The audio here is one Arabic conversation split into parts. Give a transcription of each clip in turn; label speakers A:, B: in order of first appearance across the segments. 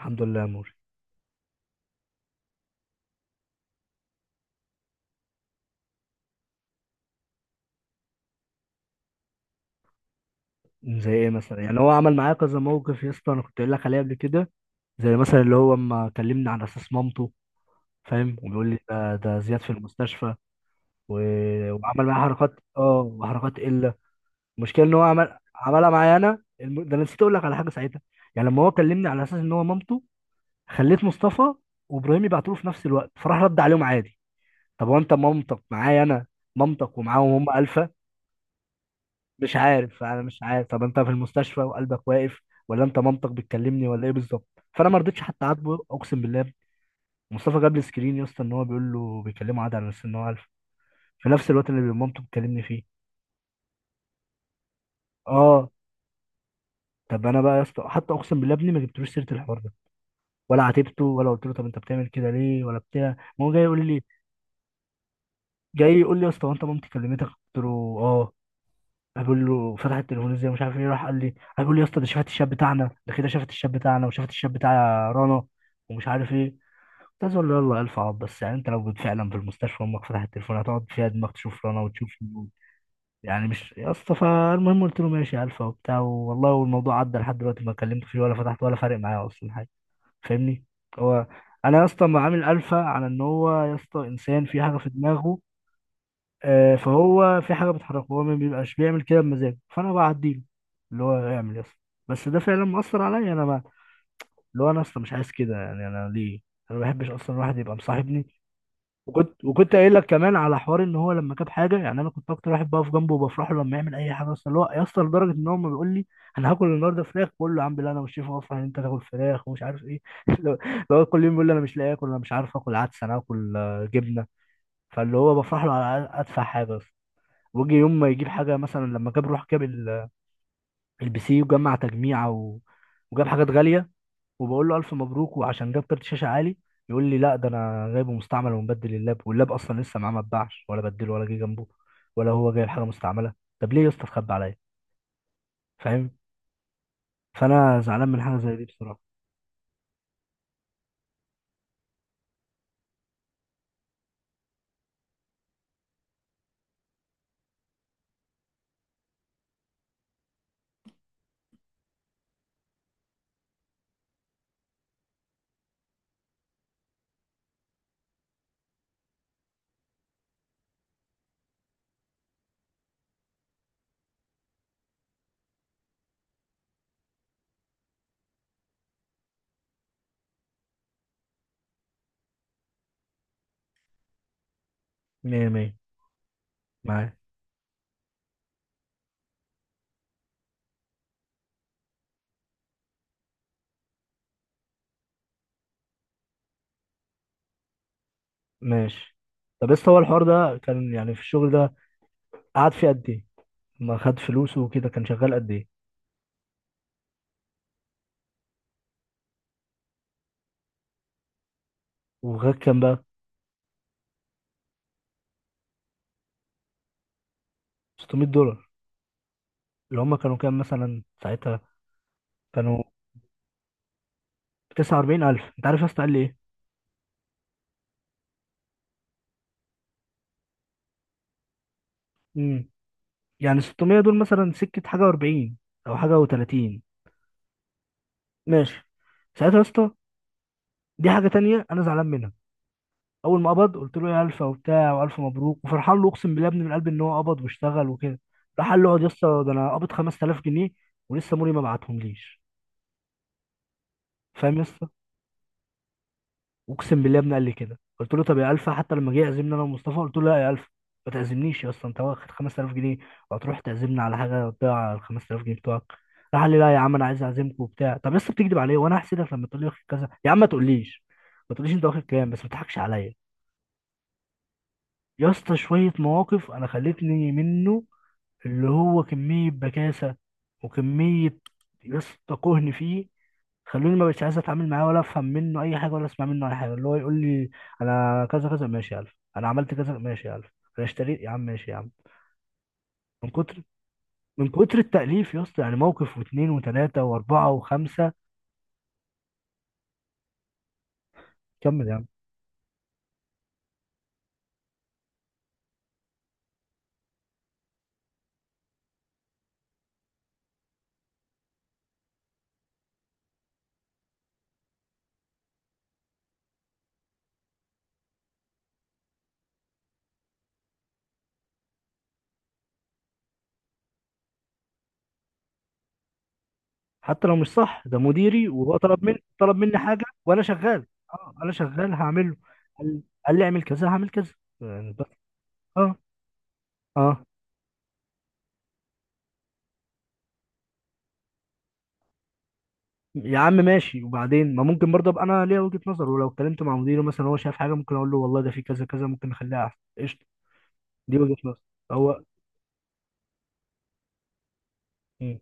A: الحمد لله يا موري. زي ايه مثلا؟ يعني هو عمل معايا كذا موقف يا اسطى، انا كنت قايل لك عليه قبل كده. زي مثلا اللي هو اما كلمني على اساس مامته، فاهم، وبيقول لي ده زياد في المستشفى. و... وعمل معايا حركات وحركات قله. المشكله ان هو عمل عملها معايا انا، ده انا نسيت اقول لك على حاجه ساعتها. يعني لما هو كلمني على اساس ان هو مامته، خليت مصطفى وابراهيم يبعتوا له في نفس الوقت، فراح رد عليهم عادي. طب هو انت مامتك معايا انا، مامتك ومعاهم هم 1000؟ مش عارف، طب انت في المستشفى وقلبك واقف، ولا انت منطق بتكلمني ولا ايه بالظبط؟ فانا ما رضيتش حتى اعاتبه اقسم بالله. مصطفى جاب لي سكرين يا اسطى، ان هو بيقول له بيكلمه عادي على اساس ان هو الف، في نفس الوقت اللي مامته بتكلمني فيه. اه. طب انا بقى يا اسطى، حتى اقسم بالله ابني ما جبتلوش سيره الحوار ده، ولا عاتبته ولا قلت له طب انت بتعمل كده ليه ولا بتاع، ما هو جاي يقول لي. جاي يقول لي يا اسطى، هو انت مامتي كلمتك؟ قلت له اه. بقول له فتح التلفزيون زي مش عارف ايه، راح قال لي، بقول له يا اسطى، ده شافت الشاب بتاعنا ده كده، شافت الشاب بتاعنا وشافت الشاب بتاع رنا ومش عارف ايه. كنت عايز اقول له يلا الف عبط، بس يعني انت لو كنت فعلا في المستشفى، امك فتحت التليفون هتقعد فيها دماغ تشوف رنا وتشوف يعني؟ مش يا اسطى. فالمهم قلت له ماشي يا الفا وبتاع والله، والموضوع عدى، لحد دلوقتي ما كلمت فيه ولا فتحت ولا فارق معايا اصلا حاجه، فاهمني. هو انا يا اسطى ما عامل الفا على ان هو يا اسطى انسان في حاجه في دماغه. آه، فهو في حاجه بتحركه، هو ما بيبقاش بيعمل كده بمزاجه، فانا بعديله اللي هو يعمل يس. بس ده فعلا مأثر عليا، انا ما، اللي هو انا اصلا مش عايز كده، يعني انا ليه؟ انا ما بحبش اصلا الواحد يبقى مصاحبني. وكنت قايل لك كمان على حوار ان هو لما جاب حاجه، يعني انا كنت اكتر واحد بقف جنبه وبفرح له لما يعمل اي حاجه اصلا، اللي هو يا اسطى، لدرجه ان هو ما بيقول لي انا هاكل النهارده فراخ، بقول له يا عم لا، انا مش شايف اصلا ان انت تاكل فراخ ومش عارف ايه. اللي هو كل يوم بيقول لي انا مش لاقي اكل، انا مش عارف اكل عدس، انا هاكل آه، جبنه. فاللي هو بفرح له على ادفع حاجه. وجي يوم ما يجيب حاجه، مثلا لما جاب، روح جاب البي سي وجمع تجميعه، وجاب حاجات غاليه، وبقول له الف مبروك، وعشان جاب كارت شاشه عالي، يقول لي لا ده انا جايبه مستعمل ومبدل اللاب، واللاب اصلا لسه معاه ما اتباعش ولا بدله ولا جه جنبه، ولا هو جايب حاجه مستعمله. طب ليه يا اسطى اتخبى عليا، فاهم؟ فانا زعلان من حاجه زي دي بصراحه. مية مية. معايا. ماشي. طب لسه هو الحوار ده كان يعني في الشغل ده، قعد فيه قد ايه؟ ما خد فلوسه وكده، كان شغال قد ايه؟ وغير كام بقى؟ 600 دولار. اللي هم كانوا كام مثلا ساعتها؟ كانوا 49000. انت عارف يا اسطى قال لي ايه؟ امم، يعني 600 دول مثلا سكه حاجه و40 او حاجه و30. ماشي. ساعتها يا اسطى، دي حاجه تانية انا زعلان منها. اول ما قبض، قلت له يا الفا وبتاع والف مبروك وفرحان له، اقسم بالله يا ابني من قلبي، ان هو قبض واشتغل وكده. راح قال له اقعد يا اسطى، ده انا قبض 5000 جنيه، ولسه موري ما بعتهم ليش. فاهم يا اسطى؟ اقسم بالله يا ابني قال لي كده. قلت له طب يا الفا، حتى لما جه يعزمني انا ومصطفى، قلت له لا يا الفا، ما تعزمنيش يا اسطى، انت واخد 5000 جنيه وهتروح تعزمني على حاجه تضيع ال 5000 جنيه بتوعك؟ راح قال لي لا يا عم انا عايز اعزمكم وبتاع. طب يا اسطى بتكذب عليا، وانا هحسدك لما تقول لي واخد كذا؟ يا عم ما تقوليش، ما تقوليش انت واخد كام، بس ما تضحكش عليا. يا اسطى شويه مواقف انا خلتني منه، اللي هو كميه بكاسه وكميه، يا اسطى كهن فيه، خلوني ما بقتش عايز اتعامل معاه ولا افهم منه اي حاجه ولا اسمع منه اي حاجه. اللي هو يقول لي انا كذا كذا، ماشي يا الف. انا عملت كذا، ماشي يا الف. انا اشتريت يا عم، ماشي يا عم. من كتر من كتر التأليف يا اسطى، يعني موقف واثنين وثلاثه واربعه وخمسه. كمل يا عم. حتى لو مش صح، ده مديري، وهو طلب مني، طلب مني حاجه وانا شغال. اه، انا شغال هعمله. قال قال لي اعمل كذا، هعمل كذا. يعني بس. اه. اه. يا عم ماشي. وبعدين ما ممكن برضه ابقى انا ليا وجهة نظر، ولو اتكلمت مع مديره مثلا هو شايف حاجه ممكن اقول له والله ده في كذا كذا ممكن نخليها احسن، قشطه؟ دي وجهة نظر. هو. مم.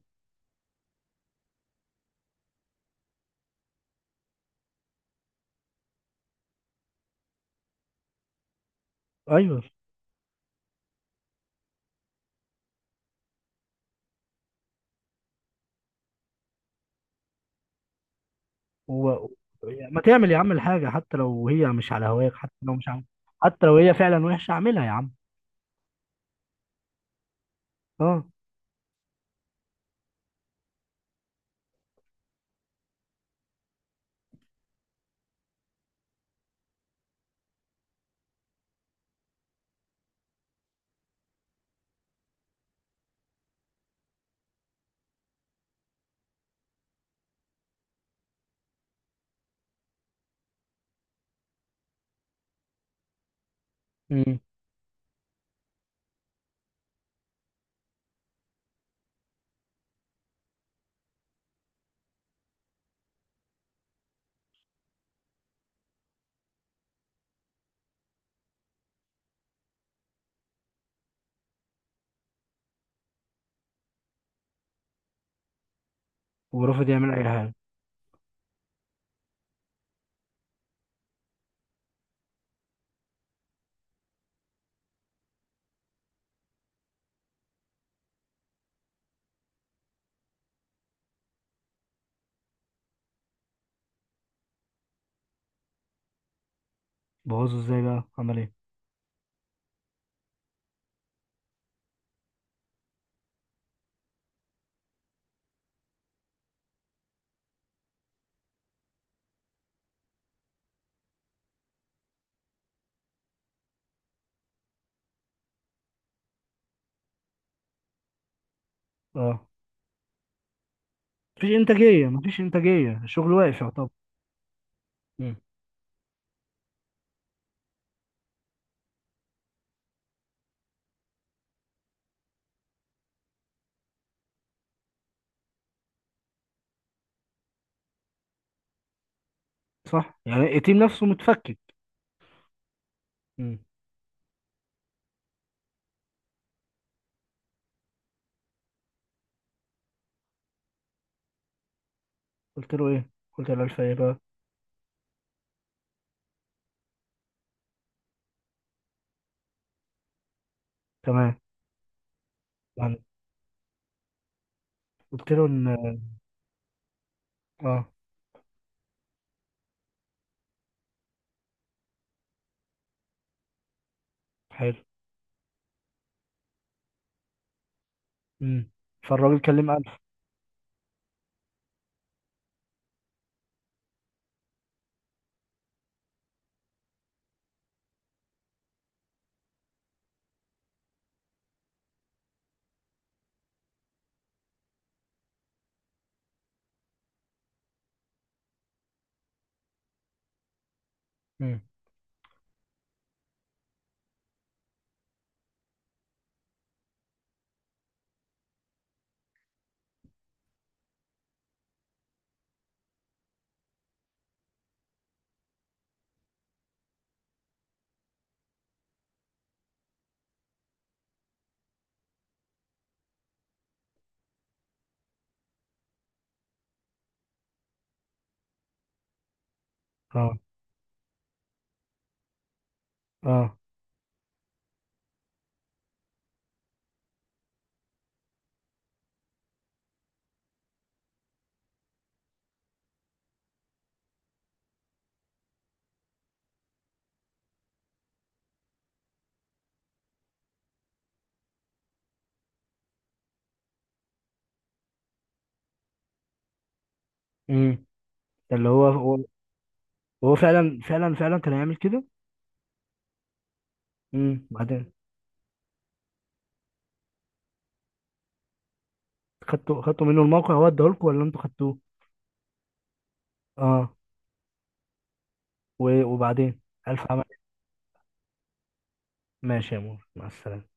A: ايوه. هو. ما تعمل يا عم الحاجه حتى لو هي مش على هواك، حتى لو مش عم. حتى لو هي فعلا وحشه، اعملها يا عم. اه. امم. ورافض يعمل اي حاجه. بوظه ازاي بقى، عمل ايه؟ اه. مفيش انتاجيه، مفيش انتاجيه، الشغل واقف يعتبر. مم. صح، يعني التيم نفسه متفكك. مم. قلت له ايه، قلت له الف ايه بقى؟ تمام. قلت له ان، اه. حلو. امم. فالراجل كلم ألف. امم. اه. اه. امم. ده اللي هو هو. هو فعلا فعلا فعلا كان هيعمل كده. امم. بعدين، خدتوا منه الموقع؟ هو اداهولكوا ولا انتوا خدتوه؟ اه. وبعدين؟ ألف عمل إيه؟ ماشي يا مور، مع السلامة.